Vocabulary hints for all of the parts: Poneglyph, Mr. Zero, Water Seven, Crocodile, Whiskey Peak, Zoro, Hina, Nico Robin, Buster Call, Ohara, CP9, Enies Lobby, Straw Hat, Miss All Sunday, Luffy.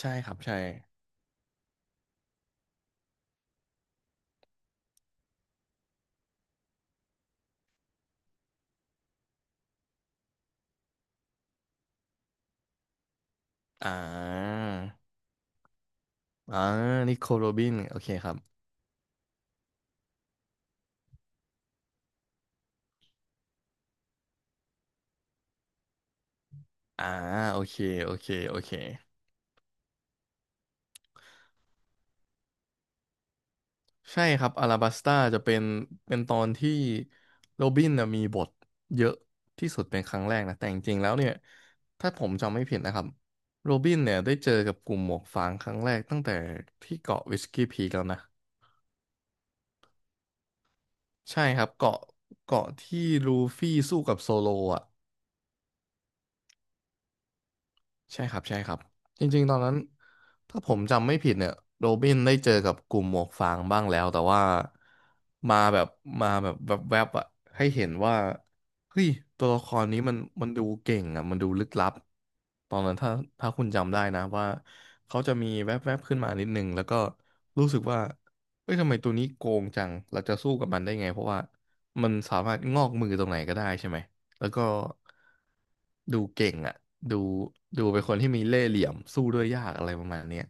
ใช่ครับใช่อ่าอ่านิโคโรบินโอเคครับ อ่าโอเคโอเคโอเคใช่ครับอาราบัสตาจะเป็นตอนที่โรบินน่ะมีบทเยอะที่สุดเป็นครั้งแรกนะแต่จริงๆแล้วเนี่ยถ้าผมจำไม่ผิดนะครับโรบินเนี่ยได้เจอกับกลุ่มหมวกฟางครั้งแรกตั้งแต่ที่เกาะวิสกี้พีคแล้วนะใช่ครับเกาะที่ลูฟี่สู้กับโซโลอ่ะ ใช่ครับใช่ครับจริงๆตอนนั้นถ้าผมจำไม่ผิดเนี่ยโรบินได้เจอกับกลุ่มหมวกฟางบ้างแล้วแต่ว่ามาแบบมาแบบแวบๆอะให้เห็นว่าเฮ้ยตัวละครนี้มันดูเก่งอะมันดูลึกลับตอนนั้นถ้าคุณจำได้นะว่าเขาจะมีแวบๆขึ้นมานิดนึงแล้วก็รู้สึกว่าเฮ้ยทำไมตัวนี้โกงจังเราจะสู้กับมันได้ไงเพราะว่ามันสามารถงอกมือตรงไหนก็ได้ใช่ไหม แล้วก็ดูเก่งอ่ะดูดูเป็นคนที่มีเล่ห์เหลี่ยมสู้ด้วยยากอะไรประมาณเนี้ย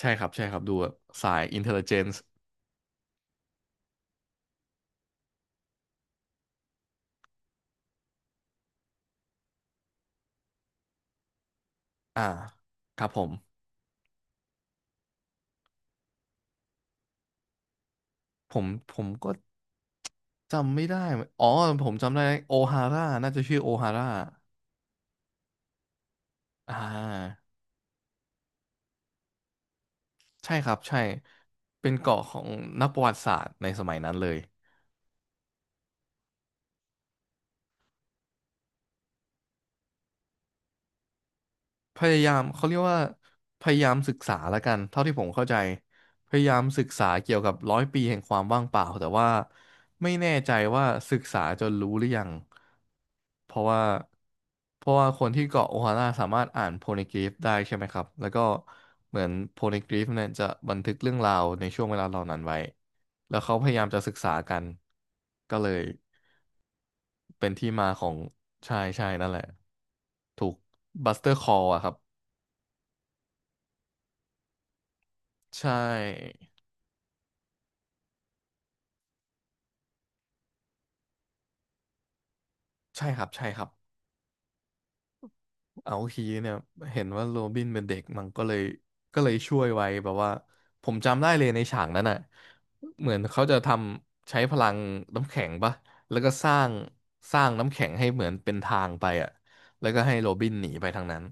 ใช่ครับใช่ครับดูแบบสาย intelligence อ่าครับผมก็จำไม่ได้เหมือนอ๋อผมจำได้โอฮาร่าน่าจะชื่อโอฮาร่าอ่าใช่ครับใช่เป็นเกาะของนักประวัติศาสตร์ในสมัยนั้นเลย พยายามเขาเรียกว่าพยายามศึกษาละกันเท่าที่ผมเข้าใจพยายามศึกษาเกี่ยวกับร้อยปีแห่งความว่างเปล่าแต่ว่าไม่แน่ใจว่าศึกษาจนรู้หรือยังเพราะว่าเพราะว่าคนที่เกาะโอฮาร่าสามารถอ่านโพนิกริฟได้ใช่ไหมครับแล้วก็เหมือนโพนิกริฟเนี่ยจะบันทึกเรื่องราวในช่วงเวลาเหล่านั้นไว้แล้วเขาพยายามจะศึกษากันก็เลยเป็นที่มาของใช่ใช่นั่นแหละถูกบัสเตอร์คอลอะครับใช่ ใช่ครับใช่ครับเอาฮีเนี่ยเห็นว่าโรบินเป็นเด็กมันก็เลยช่วยไว้แบบว่าผมจำได้เลยในฉากนั้นอ่ะเหมือนเขาจะทำใช้พลังน้ำแข็งปะแล้วก็สร้างน้ำแข็งให้เหมือนเป็นทางไปอ่ะแล้วก็ให้โรบินหนีไปทางนั้น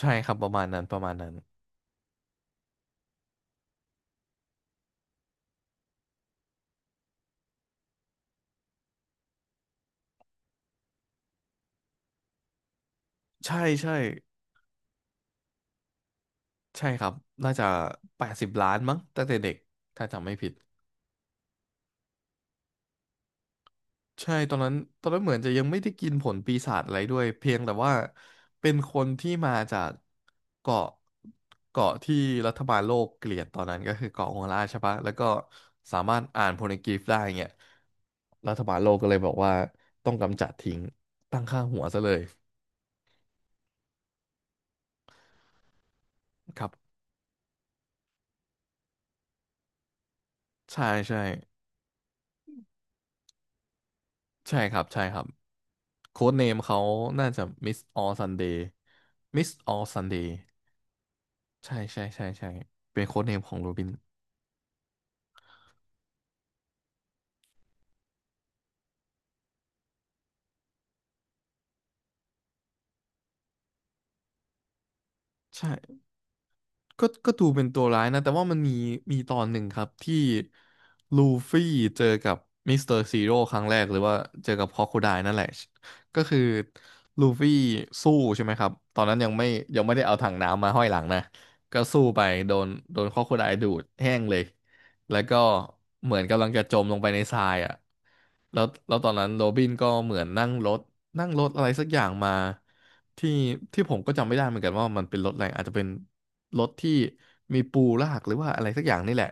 ใช่ครับประมาณนั้นประมาณนั้นใช่ใช่ใช่ครับน่าจะ80 ล้านมั้งตั้งแต่เด็กถ้าจำไม่ผิด ใช่ตอนนั้นเหมือนจะยังไม่ได้กินผลปีศาจอะไรด้วยเพียงแต่ว่าเป็นคนที่มาจากเกาะที่รัฐบาลโลกเกลียดตอนนั้นก็คือเกาะโฮล่าใช่ปะแล้วก็สามารถอ่านโพลกรีฟได้เงี้ยรัฐบาลโลกก็เลยบอกว่าต้องกำจัดทิ้งตั้งค่าหัวซะเลยครับใช่ใช่ใช่ครับใช่ครับโค้ดเนมเขาน่าจะ Miss All Sunday Miss All Sunday ใช่ใช่ใช่ใช่เป็นโค้ดเนมของโรบินใช่ ก็ดูเป็นตัวร้ายนะแต่ว่ามันมีตอนหนึ่งครับที่ลูฟี่เจอกับมิสเตอร์ซีโร่ครั้งแรกหรือว่าเจอกับครอโคไดล์นั่นแหละก็คือลูฟี่สู้ใช่ไหมครับตอนนั้นยังไม่ได้เอาถังน้ำมาห้อยหลังนะก็สู้ไปโดนค o อโคไดลดูดแห้งเลย แล้วก็เหมือนกำลังจะจมลงไปในทรายอ่ะแล้วตอนนั้นโรบินก็เหมือนนั่งรถอะไรสักอย่างมาที่ที่ผมก็จำไม่ได้เหมือนกันว่ามันเป็นรถอะไรอาจจะเป็นรถที่มีปูลากหรือว่าอะไรสักอย่างนี่แหละ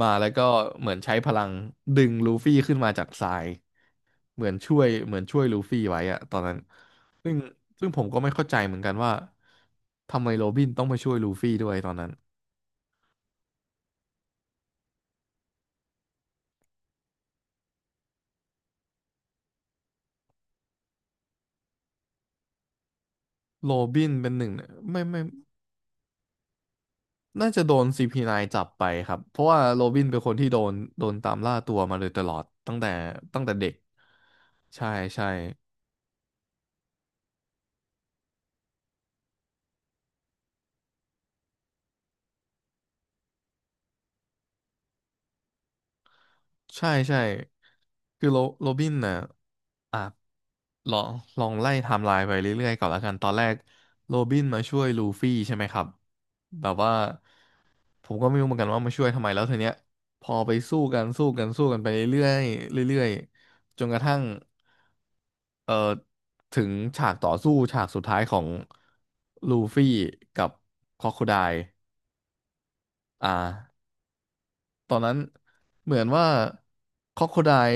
มาแล้วก็เหมือนใช้พลังดึงลูฟี่ขึ้นมาจากทรายเหมือนช่วยลูฟี่ไว้อะตอนนั้นซึ่งซึ่งผมก็ไม่เข้าใจเหมือนกันว่าทำไมโรบินต้องมาช่วยลูฟี่ด้วยตอนนั้นโรบินเป็นหนึ่งไม่ไม่ น่าจะโดน CP9 จับไปครับเพราะว่าโรบินเป็นคนที่โดนตามล่าตัวมาโดยตลอดตั้งแต่เด็กใช่ใช่ใช่ใช่คือโรบินน่ะอ่ะลองลองไล่ไทม์ไลน์ไปเรื่อยๆก่อนแล้วกันตอนแรกโรบินมาช่วยลูฟี่ใช่ไหมครับแบบว่าผมก็ไม่รู้เหมือนกันว่ามาช่วยทำไมแล้วทีเนี้ยพอไปสู้กันสู้กันสู้กันไปเรื่อยๆเรื่อยๆจนกระทั่ง เอ่อถึงฉากต่อสู้ฉากสุดท้ายของลูฟี่กับค o อ o ค i ได e อ่าตอนนั้นเหมือนว่าค o อ o ค i ได e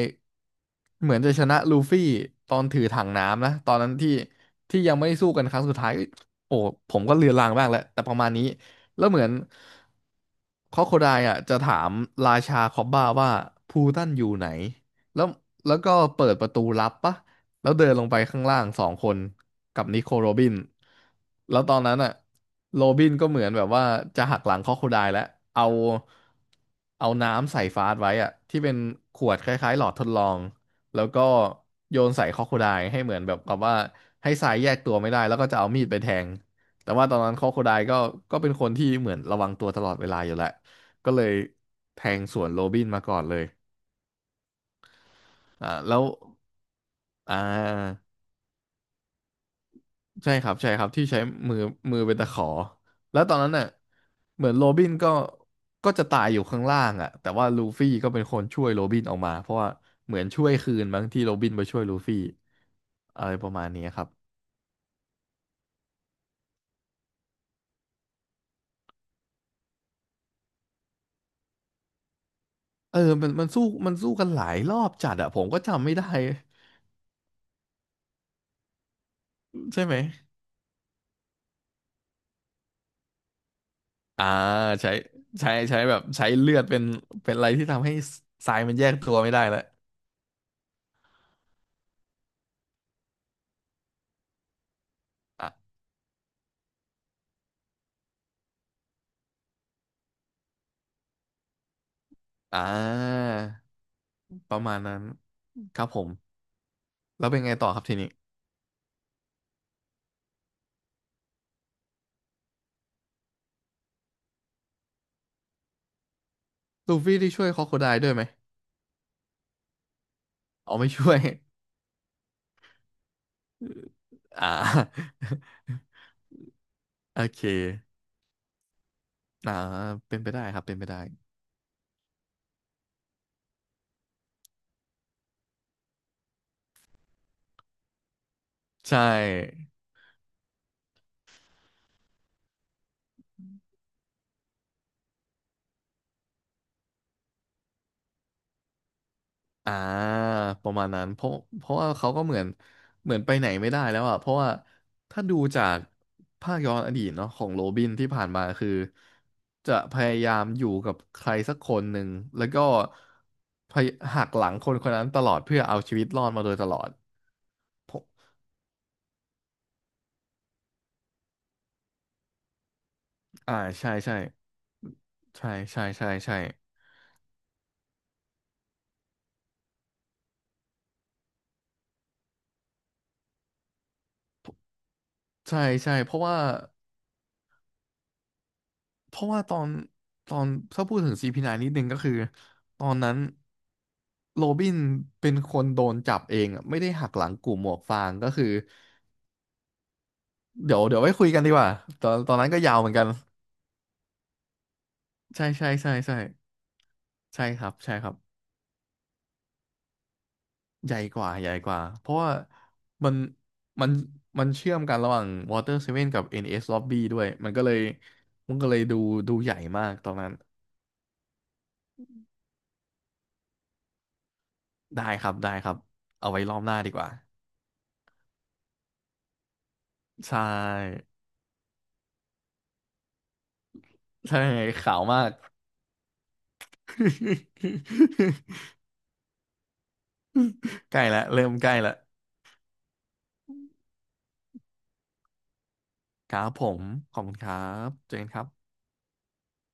เหมือนจะชนะลูฟี่ตอนถือถังน้ำนะตอนนั้นที่ที่ยังไม่ได้สู้กันครั้งสุดท้ายโอ้ผมก็เลือนลางบ้างแล้วแต่ประมาณนี้แล้วเหมือนค o อ o ค i ได e อ่ะจะถามราชาคอบบ้าว่าพูตันอยู่ไหนแล้วแล้วก็เปิดประตูลับปะ แล้วเดินลงไปข้างล่างสองคนกับนิโคโรบินแล้วตอนนั้นอะโรบินก็เหมือนแบบว่าจะหักหลังครอโคไดแล้วเอาเอาน้ำใส่ฟาสไว้อะที่เป็นขวดคล้ายๆหลอดทดลองแล้วก็โยนใส่ครอโคไดให้เหมือนแบบกับว่าให้ทรายแยกตัวไม่ได้แล้วก็จะเอามีดไปแทงแต่ว่าตอนนั้นครอโคไดก็เป็นคนที่เหมือนระวังตัวตลอดเวลาอยู่แล้วก็เลยแทงสวนโรบินมาก่อนเลยแล้วอ่า ใช่ครับใช่ครับที่ใช้มือมือเป็นตะขอแล้วตอนนั้นน่ะเหมือนโรบินก็จะตายอยู่ข้างล่างอ่ะแต่ว่าลูฟี่ก็เป็นคนช่วยโรบินออกมาเพราะว่าเหมือนช่วยคืนบางที่โรบินไปช่วยลูฟี่อะไรประมาณนี้ครับเออมันสู้กันหลายรอบจัดอะผมก็จำไม่ได้ใช่ไหมอ่าใช้ใช้แบบใช้เลือดเป็นอะไรที่ทำให้ทรายมันแยกตัวไม่ได้แล้วอ่ะอ่าประมาณนั้นครับผมแล้วเป็นไงต่อครับทีนี้ ลูฟี่ที่ช่วยคอโคไดด้วยไหมอ๋อไม่ช่วย อ่า โอเคอ่าเป็นไปได้ครับ เป็นไปได้ ใช่อ่าประมาณนั้น เพราะว่าเขาก็เหมือนไปไหนไม่ได้แล้วอ่ะเพราะว่าถ้าดูจากภาคย้อนอดีตเนาะของโรบินที่ผ่านมาคือจะพยายามอยู่กับใครสักคนหนึ่งแล้วก็พยหักหลังคนคนนั้นตลอดเพื่อเอาชีวิตรอดมาโดยตลอดผมอ่าใช่ใช่ใช่ใช่ใช่ใช่ ใช่ใช่เพราะว่าตอนตอนถ้าพูดถึงซีพีไนนิดนึงก็คือตอนนั้นโรบินเป็นคนโดนจับเองอะไม่ได้หักหลังกลุ่มหมวกฟางก็คือเดี๋ยวเดี๋ยวไว้คุยกันดีกว่าตอนนั้นก็ยาวเหมือนกันใช่ใช่ใช่ใช่ใช่ครับใช่ครับใหญ่กว่าเพราะว่ามันมันมันเชื่อมกันระหว่าง Water Seven กับ NS Lobby ด้วยมันก็เลยดูใหญ่มากตอนนั้นได้ครับได้ครับเอาไว้รอบหน้าดีกว่า ใช่ใช่ขาวมาก ใกล้แล้วเริ่มใกล้แล้วครับผมขอบคุณครับเจนครับ